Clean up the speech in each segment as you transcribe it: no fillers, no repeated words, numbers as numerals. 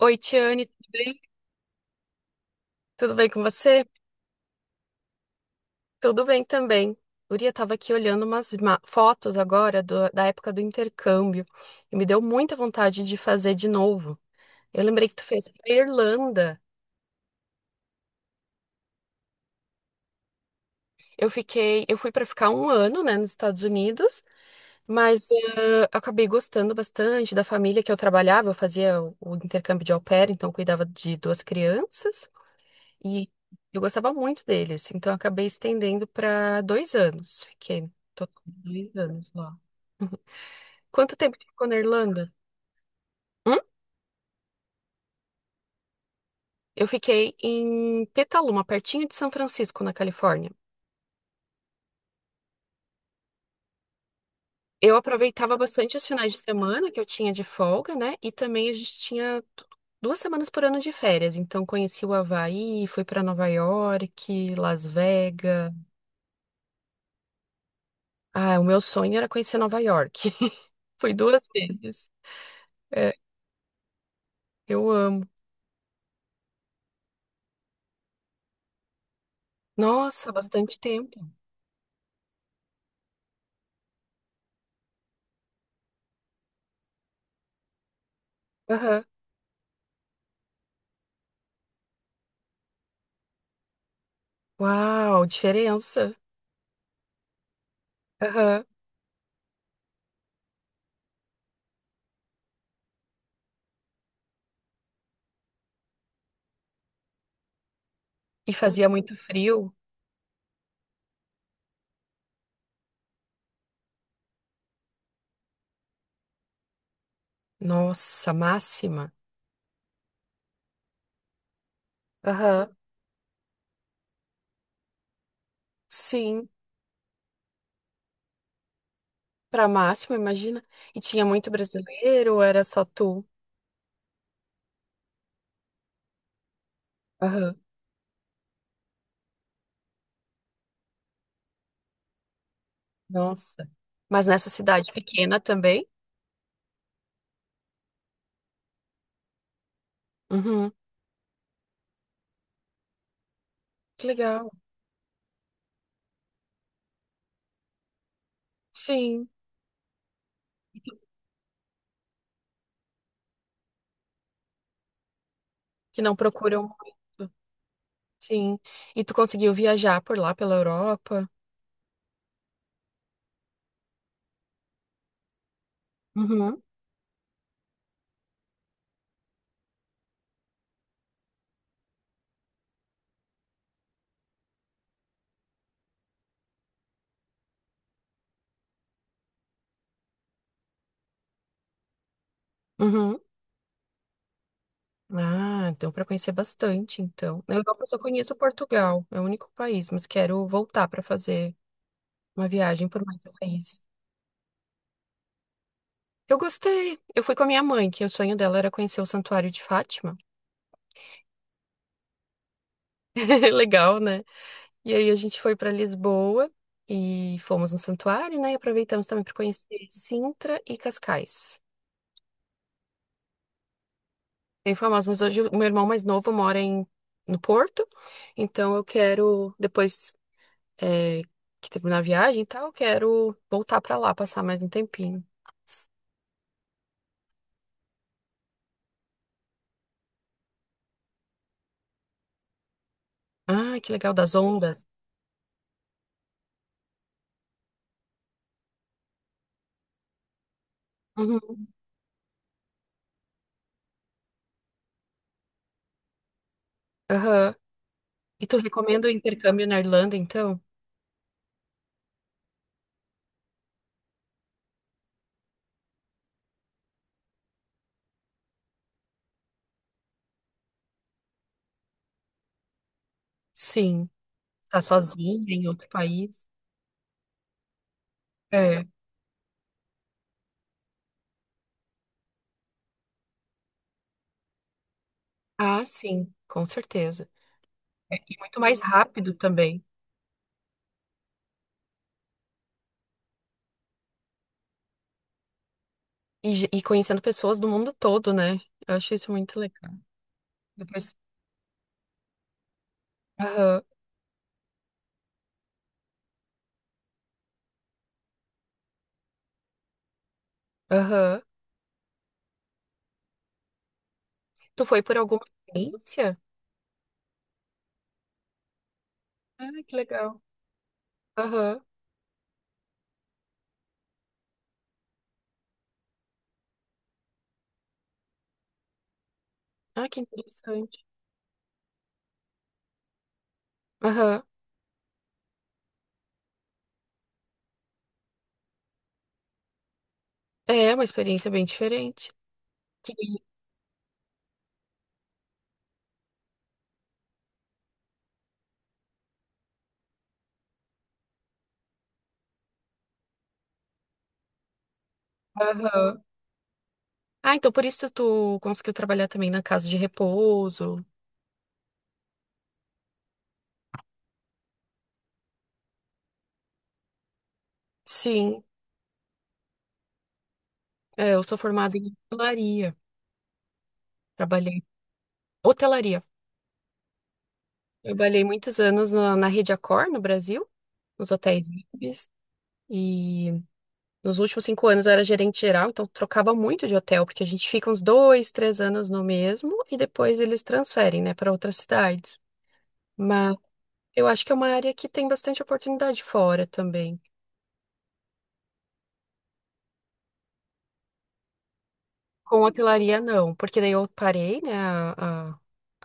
Oi, Tiane, tudo bem? Tudo bem com você? Tudo bem também. Guria, estava aqui olhando umas fotos agora da época do intercâmbio e me deu muita vontade de fazer de novo. Eu lembrei que tu fez pra Irlanda. Eu fiquei, eu fui para ficar um ano, né, nos Estados Unidos, mas acabei gostando bastante da família que eu trabalhava. Eu fazia o intercâmbio de au pair, então eu cuidava de duas crianças. E eu gostava muito deles então eu acabei estendendo para dois anos. Fiquei no total dois anos lá. Quanto tempo que ficou na Irlanda? Hum? Eu fiquei em Petaluma, pertinho de São Francisco, na Califórnia. Eu aproveitava bastante os finais de semana que eu tinha de folga, né? E também a gente tinha 2 semanas por ano de férias. Então conheci o Havaí, fui para Nova York, Las Vegas. Ah, o meu sonho era conhecer Nova York. Fui duas vezes. É, eu amo. Nossa, bastante tempo. Aham. Uau, diferença. Aham. E fazia muito frio. Nossa, máxima. Aham. Sim, pra máxima, imagina. E tinha muito brasileiro, ou era só tu? Aham. Nossa. Mas nessa cidade pequena também? Uhum. Que legal. Sim, que não procuram muito. Sim. E tu conseguiu viajar por lá pela Europa? Uhum. Uhum. Ah, então para conhecer bastante, então. Na Europa eu só conheço Portugal, é o único país, mas quero voltar para fazer uma viagem por mais países. Eu gostei. Eu fui com a minha mãe, que o sonho dela era conhecer o Santuário de Fátima. Legal, né? E aí a gente foi para Lisboa e fomos no santuário, né? E aproveitamos também para conhecer Sintra e Cascais. Bem famosos, mas hoje o meu irmão mais novo mora no Porto, então eu quero depois é, que teve na viagem e tal, quero voltar pra lá, passar mais um tempinho. Ah, que legal, das ondas. Uhum. Aham. E tu recomenda o intercâmbio na Irlanda, então? Sim. Tá sozinha em outro país? É. Ah, sim, com certeza. E muito mais rápido também. E, e conhecendo pessoas do mundo todo, né? Eu acho isso muito legal. Depois. Aham, aham. Tu foi por alguma experiência? Ah, que legal. Aham. Ah, que interessante. Aham. É uma experiência bem diferente. Que- Aham. Ah, então por isso tu conseguiu trabalhar também na casa de repouso. Sim, é, eu sou formada em hotelaria. Trabalhei. Hotelaria. Trabalhei muitos anos na, na Rede Accor, no Brasil, nos hotéis VIPs. E nos últimos 5 anos eu era gerente geral, então trocava muito de hotel, porque a gente fica uns dois, três anos no mesmo e depois eles transferem, né, para outras cidades. Mas eu acho que é uma área que tem bastante oportunidade fora também. Com hotelaria, não, porque daí eu parei, né,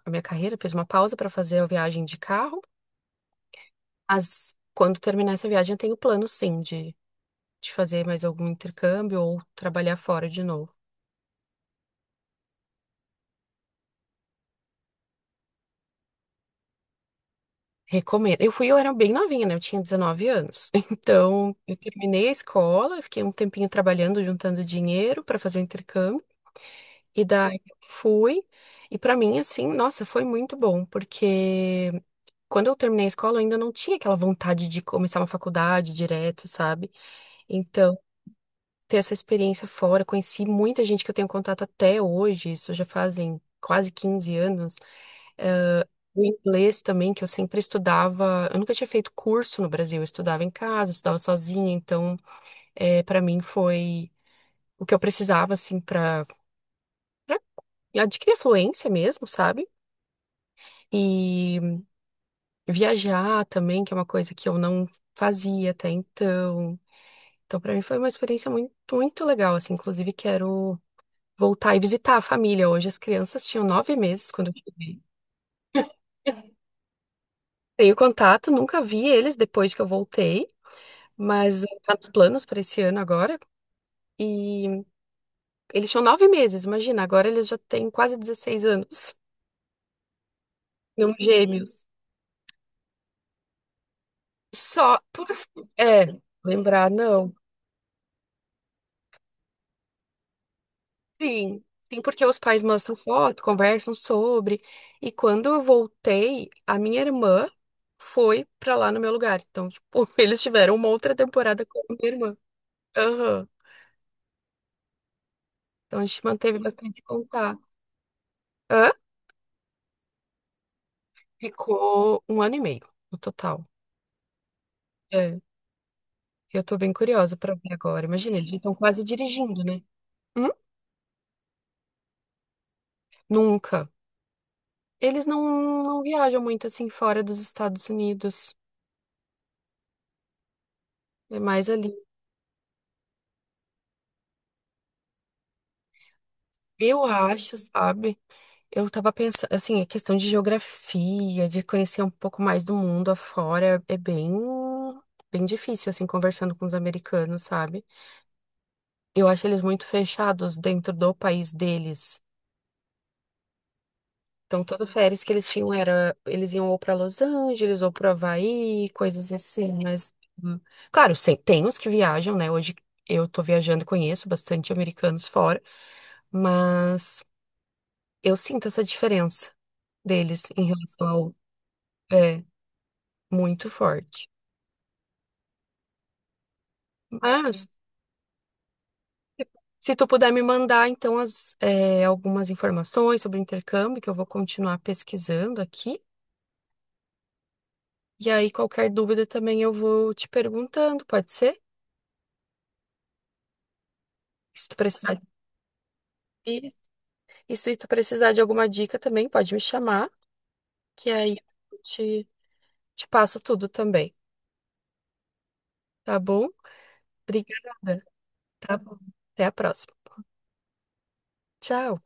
a minha carreira, fiz uma pausa para fazer a viagem de carro. Mas quando terminar essa viagem, eu tenho plano, sim, de fazer mais algum intercâmbio ou trabalhar fora de novo. Recomendo. Eu fui, eu era bem novinha, né? Eu tinha 19 anos. Então, eu terminei a escola, eu fiquei um tempinho trabalhando, juntando dinheiro para fazer o intercâmbio. E daí eu fui. E para mim, assim, nossa, foi muito bom, porque quando eu terminei a escola, eu ainda não tinha aquela vontade de começar uma faculdade direto, sabe? Então, ter essa experiência fora, conheci muita gente que eu tenho contato até hoje, isso já fazem quase 15 anos. Eh, O inglês também, que eu sempre estudava, eu nunca tinha feito curso no Brasil, eu estudava em casa, eu estudava sozinha, então, é, para mim foi o que eu precisava, assim, para adquirir a fluência mesmo, sabe? E viajar também, que é uma coisa que eu não fazia até então. Então, para mim foi uma experiência muito, muito legal, assim. Inclusive, quero voltar e visitar a família hoje. As crianças tinham 9 meses quando eu cheguei. Tenho contato, nunca vi eles depois que eu voltei, mas tá nos planos para esse ano agora. E eles tinham 9 meses, imagina, agora eles já têm quase 16 anos. São gêmeos. Só por. É, lembrar, não. Sim, sim, porque os pais mostram foto, conversam sobre. E quando eu voltei, a minha irmã foi pra lá no meu lugar. Então, tipo, eles tiveram uma outra temporada com a minha irmã. Aham. Então a gente manteve bastante contato. Hã? Ficou um ano e meio no total. É, eu tô bem curiosa pra ver agora. Imagina, eles estão quase dirigindo, né? Hum? Nunca. Eles não, não viajam muito assim fora dos Estados Unidos. É mais ali. Eu acho, sabe? Eu tava pensando, assim, a questão de geografia, de conhecer um pouco mais do mundo afora, é bem, bem difícil, assim, conversando com os americanos, sabe? Eu acho eles muito fechados dentro do país deles. Então, todo férias que eles tinham era, eles iam ou pra Los Angeles ou pro Havaí, coisas assim, mas... hum, claro, tem uns que viajam, né? Hoje eu tô viajando e conheço bastante americanos fora, mas eu sinto essa diferença deles em relação ao... É, muito forte. Mas, se tu puder me mandar, então, as, algumas informações sobre o intercâmbio, que eu vou continuar pesquisando aqui. E aí, qualquer dúvida também eu vou te perguntando, pode ser? Se tu precisar, e, e se tu precisar de alguma dica também, pode me chamar, que aí eu te, te passo tudo também, tá bom? Obrigada. Tá bom. Até a próxima. Tchau.